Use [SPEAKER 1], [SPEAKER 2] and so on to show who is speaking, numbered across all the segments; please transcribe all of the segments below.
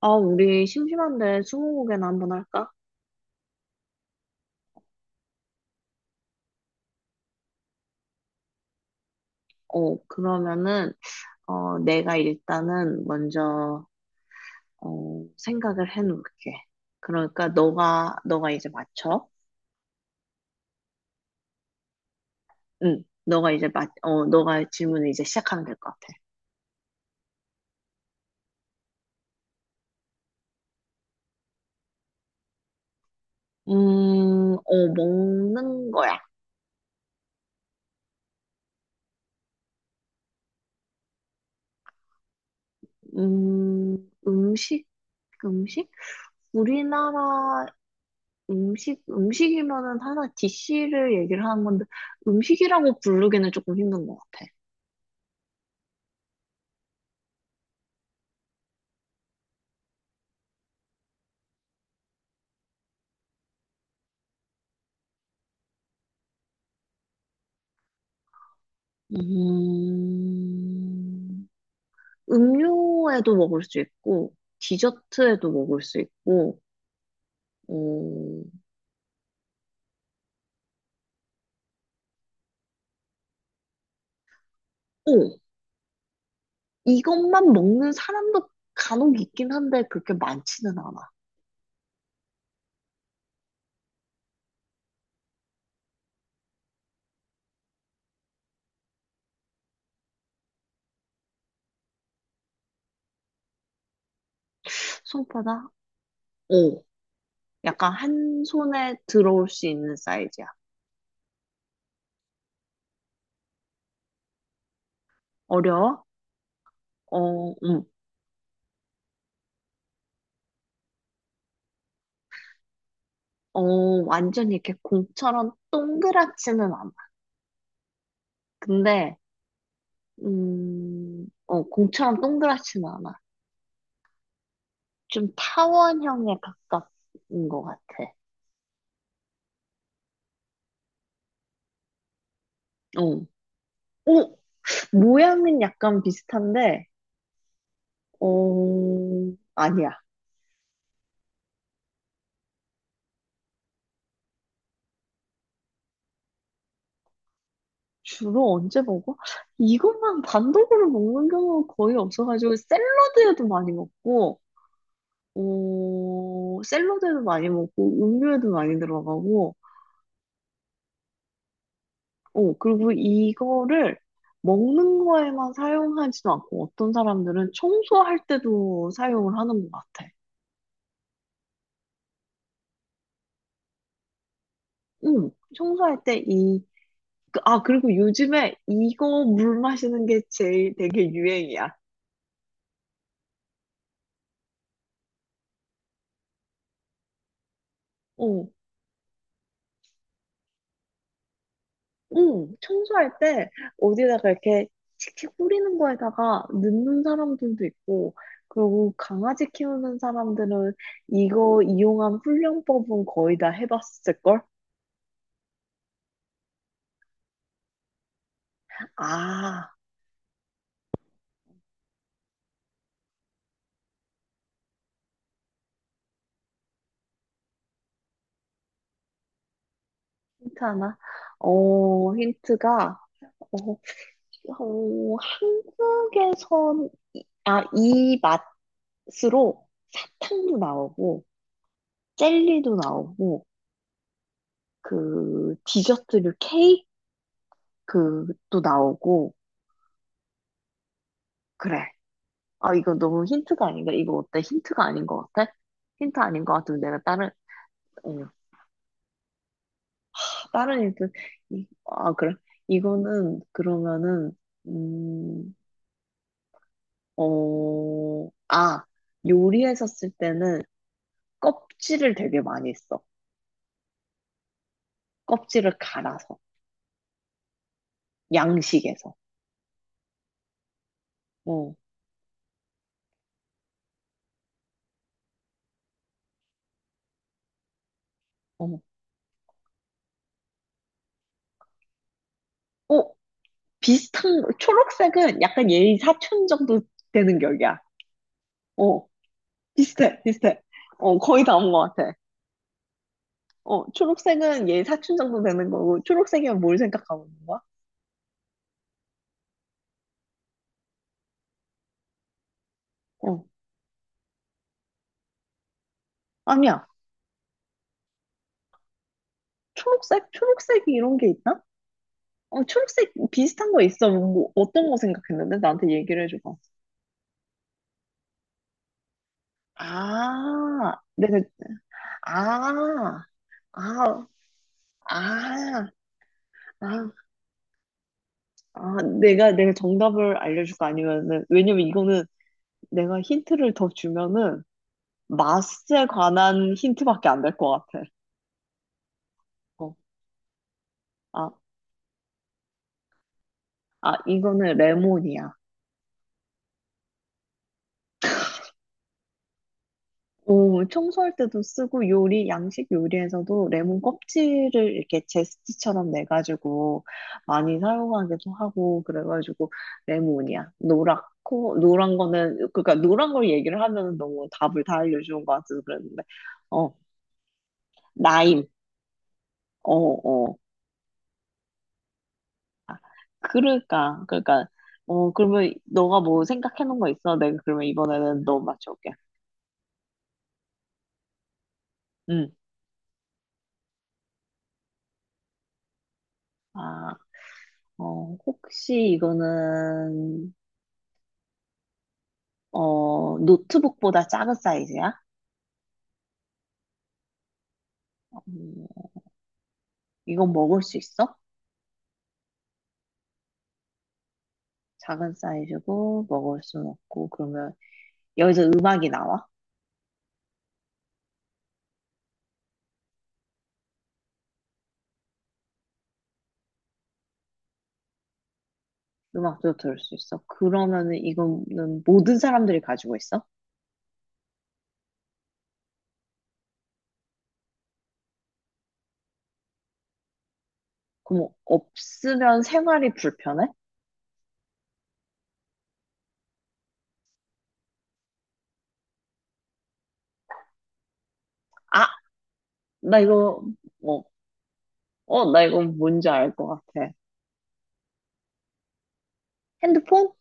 [SPEAKER 1] 아, 우리 심심한데 스무고개나 한번 할까? 그러면은, 내가 일단은 먼저, 생각을 해놓을게. 그러니까 너가 이제 맞춰? 응, 너가 질문을 이제 시작하면 될 것 같아. 음, 먹는 거야. 음, 음식, 음식? 우리나라 음식, 음식이면은 하나 디 c 를 얘기를 하는 건데, 음식이라고 부르기는 조금 힘든 것 같아. 음, 음료에도 먹을 수 있고, 디저트에도 먹을 수 있고, 어, 오, 이것만 먹는 사람도 간혹 있긴 한데, 그렇게 많지는 않아. 손바닥? 오, 약간 한 손에 들어올 수 있는 사이즈야. 어려워? 어, 음, 어, 완전히 이렇게 공처럼 동그랗지는 않아. 근데, 공처럼 동그랗지는 않아. 좀 타원형에 가깝은 것 같아. 어. 어, 모양은 약간 비슷한데, 어, 아니야. 주로 언제 먹어? 이것만 단독으로 먹는 경우가 거의 없어가지고, 샐러드에도 많이 먹고, 음료에도 많이 들어가고, 그리고 이거를 먹는 거에만 사용하지도 않고, 어떤 사람들은 청소할 때도 사용을 하는 것 같아. 응, 아, 그리고 요즘에 이거 물 마시는 게 제일 되게 유행이야. 어, 응. 청소할 때 어디다가 이렇게 칙칙 뿌리는 거에다가 넣는 사람들도 있고, 그리고 강아지 키우는 사람들은 이거 이용한 훈련법은 거의 다 해봤을걸? 아, 힌트 하나? 어, 힌트가, 어, 한국에선, 아, 이 맛으로 사탕도 나오고, 젤리도 나오고, 그 디저트류 케이크도 나오고 그래. 아, 이거 너무 힌트가 아닌가? 이거 어때? 힌트가 아닌 것 같아? 힌트 아닌 것 같으면 내가 어, 다른 힌트 아 그래. 이거는 그러면은 음, 아, 요리했었을 때는 껍질을 되게 많이 써. 껍질을 갈아서 양식에서. 어, 어, 어 초록색은 약간 얘의 사촌 정도 되는 격이야. 어. 비슷해, 비슷해. 거의 다 온 것 같아. 초록색은 얘 사춘 정도 되는 거고, 초록색이면 뭘 생각하고 있는 거야? 어, 아니야. 초록색? 초록색 이런 이게 있나? 초록색 비슷한 거 있어. 뭐 어떤 거 생각했는데? 나한테 얘기를 해줘봐. 아, 내가, 아, 아, 아, 아, 내가 정답을 알려줄까? 아니면은, 왜냐면 이거는 내가 힌트를 더 주면은, 맛에 관한 힌트밖에 안 될 것 같아. 어. 아, 이거는 레몬이야. 오, 청소할 때도 쓰고 요리, 양식 요리에서도 레몬 껍질을 이렇게 제스트처럼 내가지고 많이 사용하기도 하고 그래가지고 레몬이야. 노랗고 노란 거는 그러니까 노란 걸 얘기를 하면 너무 답을 다 알려주는 것 같아서 그랬는데 어, 라임. 어. 어. 그러니까 그러면 너가 뭐 생각해 놓은 거 있어? 내가 그러면 이번에는 너 맞춰볼게. 응. 아, 혹시 이거는 노트북보다 작은 사이즈야? 음, 이건 먹을 수 있어? 작은 사이즈고, 먹을 순 없고, 그러면 여기서 음악이 나와? 음악도 들을 수 있어? 그러면은 이거는 모든 사람들이 가지고 있어? 그럼 없으면 생활이 불편해? 아, 나 이거, 뭐, 나 이거 뭔지 알 것 같아. 핸드폰?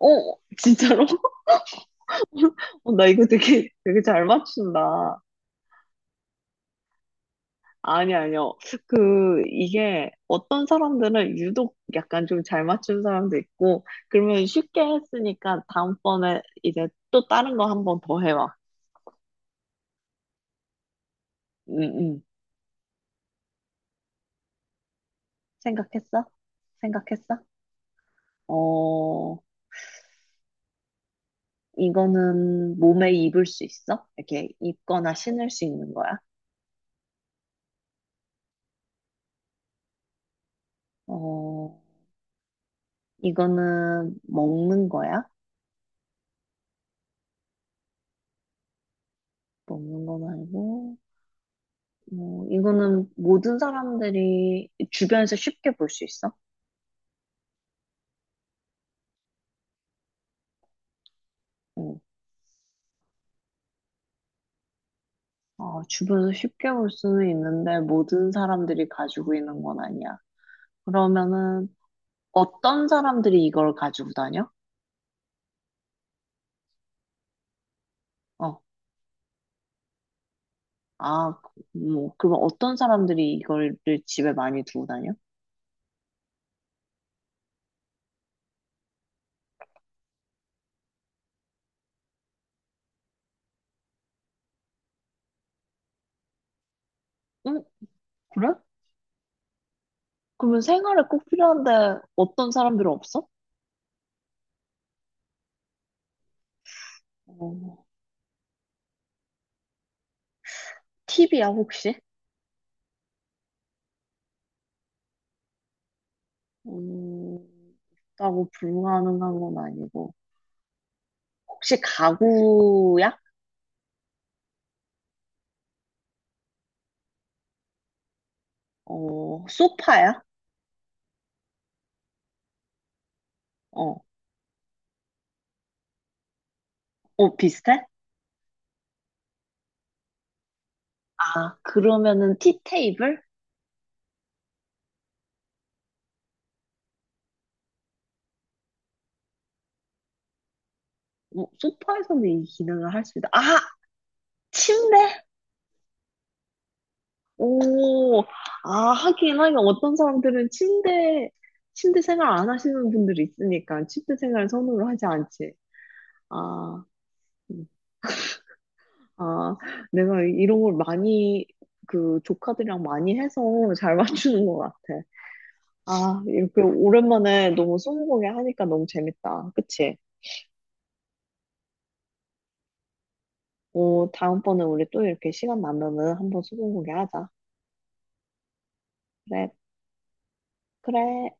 [SPEAKER 1] 어, 진짜로? 나 이거 되게, 되게 잘 맞춘다. 아니, 아니요. 그, 이게 어떤 사람들은 유독 약간 좀 잘 맞춘 사람도 있고, 그러면 쉽게 했으니까 다음번에 이제 또 다른 거 한번 더 해봐. 응, 응. 생각했어? 생각했어? 어, 이거는 몸에 입을 수 있어? 이렇게 입거나 신을 수 있는 거야? 어, 이거는 먹는 거야? 먹는 건 아니고, 뭐, 이거는 모든 사람들이 주변에서 쉽게 볼 수 있어? 응. 주변에서 쉽게 볼 수는 있는데 모든 사람들이 가지고 있는 건 아니야. 그러면은 어떤 사람들이 이걸 가지고 다녀? 어, 아, 뭐, 그러면 어떤 사람들이 이걸 집에 많이 두고 다녀? 응, 그래? 그러면 생활에 꼭 필요한데 어떤 사람들은 없어? 어, 팁이야, 혹시? 음, 없다고 불가능한 건 아니고. 혹시 가구야? 소파야? 어, 비슷해? 아, 그러면은 티테이블? 소파에서도 이 기능을 할 수 있다. 아, 침대? 오, 아, 하긴, 하긴, 어떤 사람들은 침대 생활 안 하시는 분들이 있으니까, 침대 생활 선호를 하지 않지. 아, 음. 아, 내가 이런 걸 많이, 그, 조카들이랑 많이 해서 잘 맞추는 것 같아. 아, 이렇게 오랜만에 너무 스무고개 하니까 너무 재밌다. 그치? 다음번에 우리 또 이렇게 시간 나면은 한번 스무고개 하자. 그래, 그래.